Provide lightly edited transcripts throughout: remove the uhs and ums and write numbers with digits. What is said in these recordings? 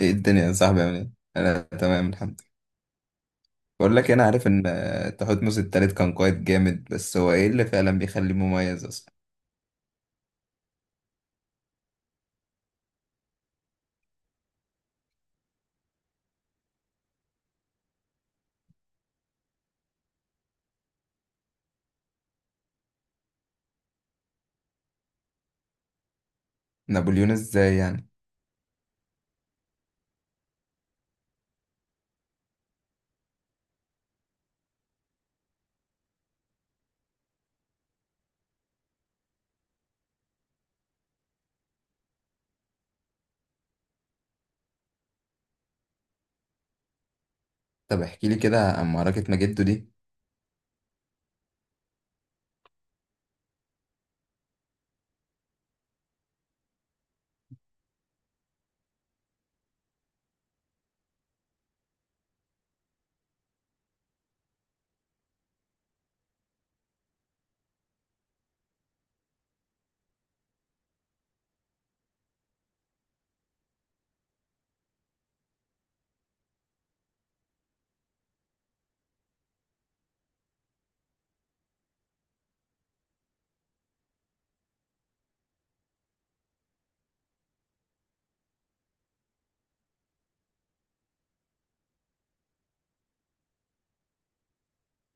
ايه الدنيا يا صاحبي عامل ايه؟ انا تمام الحمد لله. بقول لك إيه، انا عارف ان تحتمس التالت كان قائد جامد، بس هو ايه اللي فعلا بيخليه مميز اصلا؟ نابليون ازاي يعني؟ طب احكي لي كده عن معركة ماجدو دي.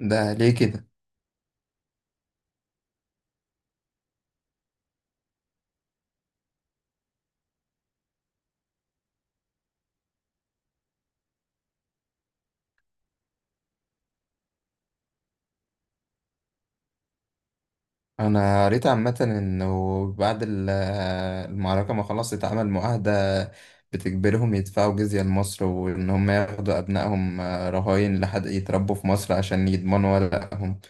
ده ليه كده؟ انا قريت عامة انه بعد المعركة ما خلاص اتعمل معاهدة بتجبرهم يدفعوا جزية لمصر، وان هم ياخدوا ابنائهم رهاين لحد يتربوا في مصر عشان يضمنوا ورقهم.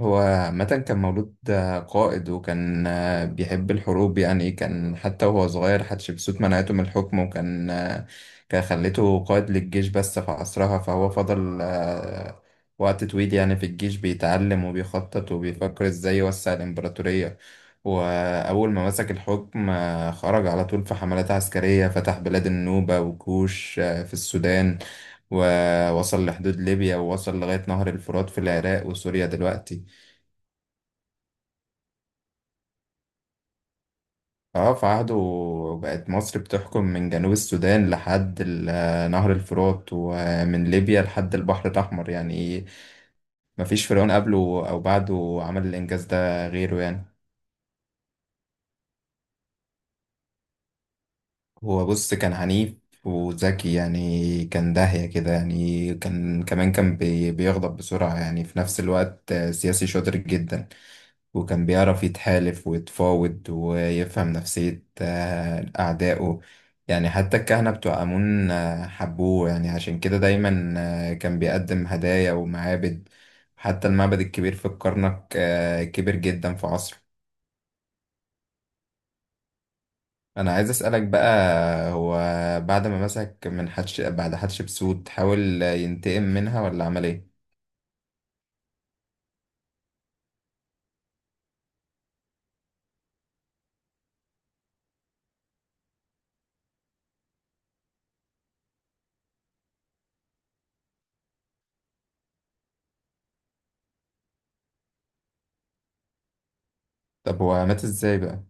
هو عامة كان مولود قائد، وكان بيحب الحروب، يعني كان حتى وهو صغير حتشبسوت منعته من الحكم، وكان كان خليته قائد للجيش بس في عصرها، فهو فضل وقت طويل يعني في الجيش بيتعلم وبيخطط وبيفكر ازاي يوسع الإمبراطورية. وأول ما مسك الحكم خرج على طول في حملات عسكرية، فتح بلاد النوبة وكوش في السودان، ووصل لحدود ليبيا ووصل لغاية نهر الفرات في العراق وسوريا دلوقتي. اه، في عهده بقت مصر بتحكم من جنوب السودان لحد نهر الفرات، ومن ليبيا لحد البحر الأحمر، يعني مفيش فرعون قبله أو بعده عمل الإنجاز ده غيره يعني. هو بص كان عنيف وذكي، يعني كان داهية كده، يعني كان كمان كان بيغضب بسرعة، يعني في نفس الوقت سياسي شاطر جدا، وكان بيعرف يتحالف ويتفاوض ويفهم نفسية أعدائه، يعني حتى الكهنة بتوع آمون حبوه يعني، عشان كده دايما كان بيقدم هدايا ومعابد، حتى المعبد الكبير في الكرنك كبر جدا في عصره. أنا عايز أسألك بقى، هو بعد ما مسك من حتش بعد حتشبسوت حاول ينتقم منها ولا عمل إيه؟ طب هو مات إزاي بقى؟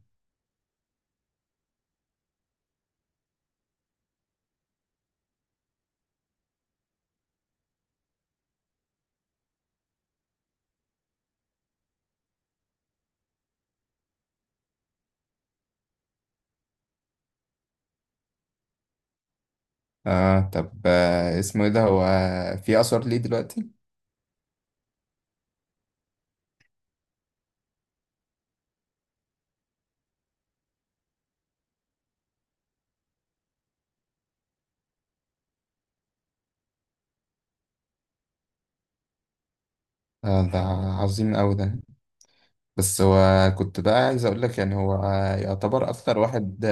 طب اسمه إيه ده؟ هو في آثار ليه دلوقتي؟ آه، ده عظيم أوي ده. بس هو كنت بقى عايز اقول لك يعني هو يعتبر اكتر واحد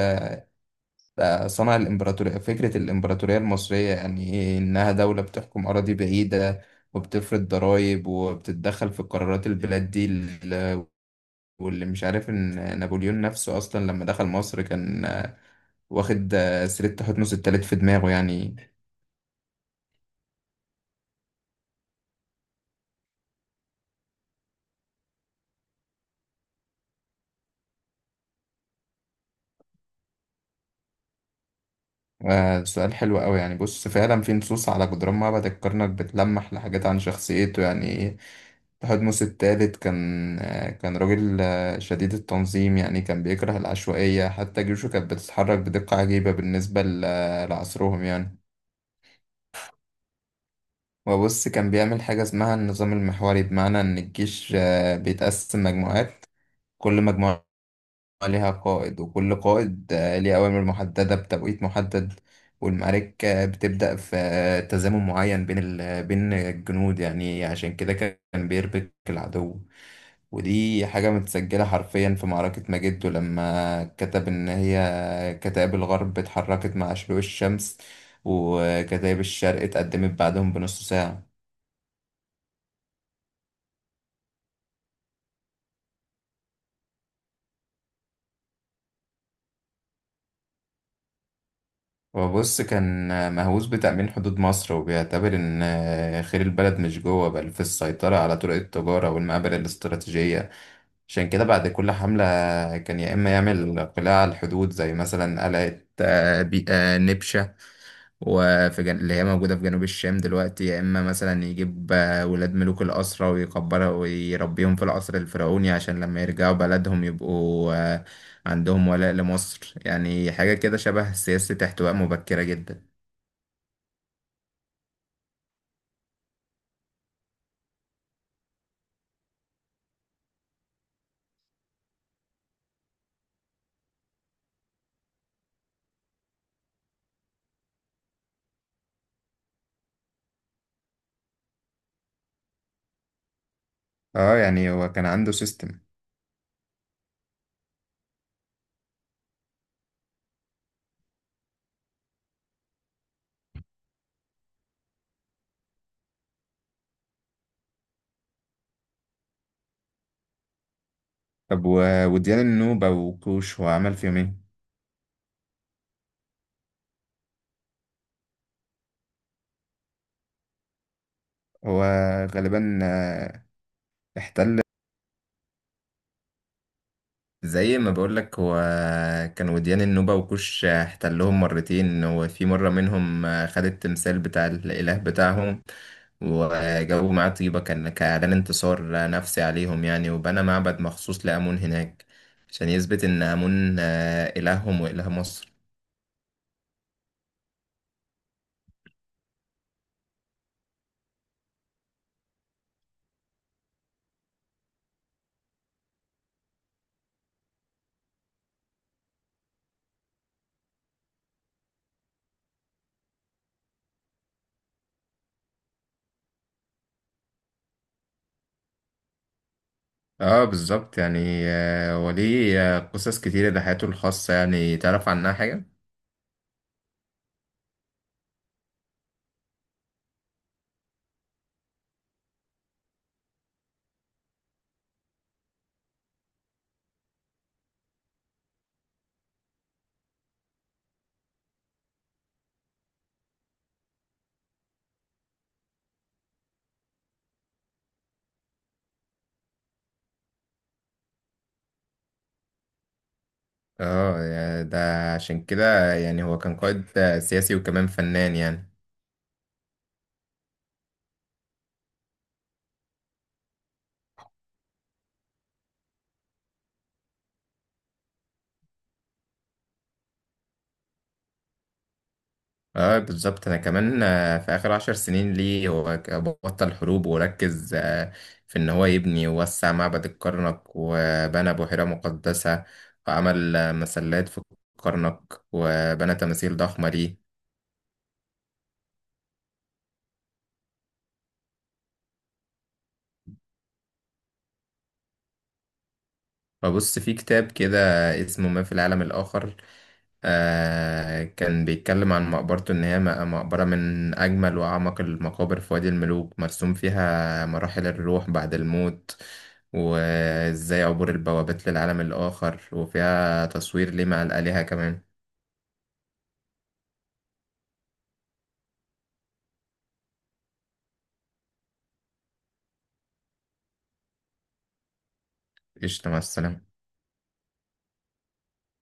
صنع الامبراطوريه، فكره الامبراطوريه المصريه، يعني إيه، انها دوله بتحكم اراضي بعيده وبتفرض ضرائب وبتتدخل في قرارات البلاد دي واللي مش عارف ان نابليون نفسه اصلا لما دخل مصر كان واخد سريه حتنس التالت في دماغه يعني. آه، سؤال حلو قوي، يعني بص فعلا في نصوص على جدران معبد الكرنك بتلمح لحاجات عن شخصيته، يعني تحتمس الثالث كان راجل شديد التنظيم، يعني كان بيكره العشوائية، حتى جيوشه كانت بتتحرك بدقة عجيبة بالنسبة لعصرهم يعني. وبص كان بيعمل حاجة اسمها النظام المحوري، بمعنى إن الجيش بيتقسم مجموعات، كل مجموعة ليها قائد، وكل قائد ليه أوامر محددة بتوقيت محدد، والمعارك بتبدأ في تزامن معين بين الجنود، يعني عشان كده كان بيربك العدو، ودي حاجة متسجلة حرفيا في معركة ماجدو لما كتب إن هي كتائب الغرب اتحركت مع شروق الشمس، وكتائب الشرق اتقدمت بعدهم بنص ساعة. وبص كان مهووس بتأمين حدود مصر، وبيعتبر إن خير البلد مش جوه بل في السيطرة على طرق التجارة والمقابر الاستراتيجية، عشان كده بعد كل حملة كان يا إما يعمل قلاع على الحدود، زي مثلا قلعة نبشة، وفي اللي هي موجودة في جنوب الشام دلوقتي، يا إما مثلا يجيب ولاد ملوك الأسرة ويكبرها ويربيهم في القصر الفرعوني، عشان لما يرجعوا بلدهم يبقوا عندهم ولاء لمصر، يعني حاجة كده شبه سياسة احتواء مبكرة جدا. اه، يعني هو كان عنده سيستم. طب وديان النوبة وكوش هو عمل فيهم ايه؟ هو غالبا احتل، زي ما بقولك هو كان وديان النوبة وكوش احتلهم مرتين، وفي مرة منهم خد التمثال بتاع الإله بتاعهم وجابوا معاه طيبة، كان كإعلان انتصار نفسي عليهم يعني، وبنى معبد مخصوص لآمون هناك عشان يثبت إن آمون إلههم وإله مصر. اه بالظبط، يعني وليه قصص كتيرة ده، حياته الخاصة يعني تعرف عنها حاجة؟ اه يعني ده، عشان كده يعني هو كان قائد سياسي وكمان فنان يعني. اه بالظبط، انا كمان في اخر 10 سنين ليه هو بطل حروب وركز في ان هو يبني ووسع معبد الكرنك، وبنى بحيرة مقدسة، وعمل مسلات في الكرنك، وبنى تماثيل ضخمة ليه. فبص في كتاب كده اسمه ما في العالم الآخر، كان بيتكلم عن مقبرته إن هي مقبرة من أجمل وأعمق المقابر في وادي الملوك، مرسوم فيها مراحل الروح بعد الموت وإزاي عبور البوابات للعالم الآخر، وفيها تصوير ليه مع الآلهة كمان. قشطة، مع السلامة.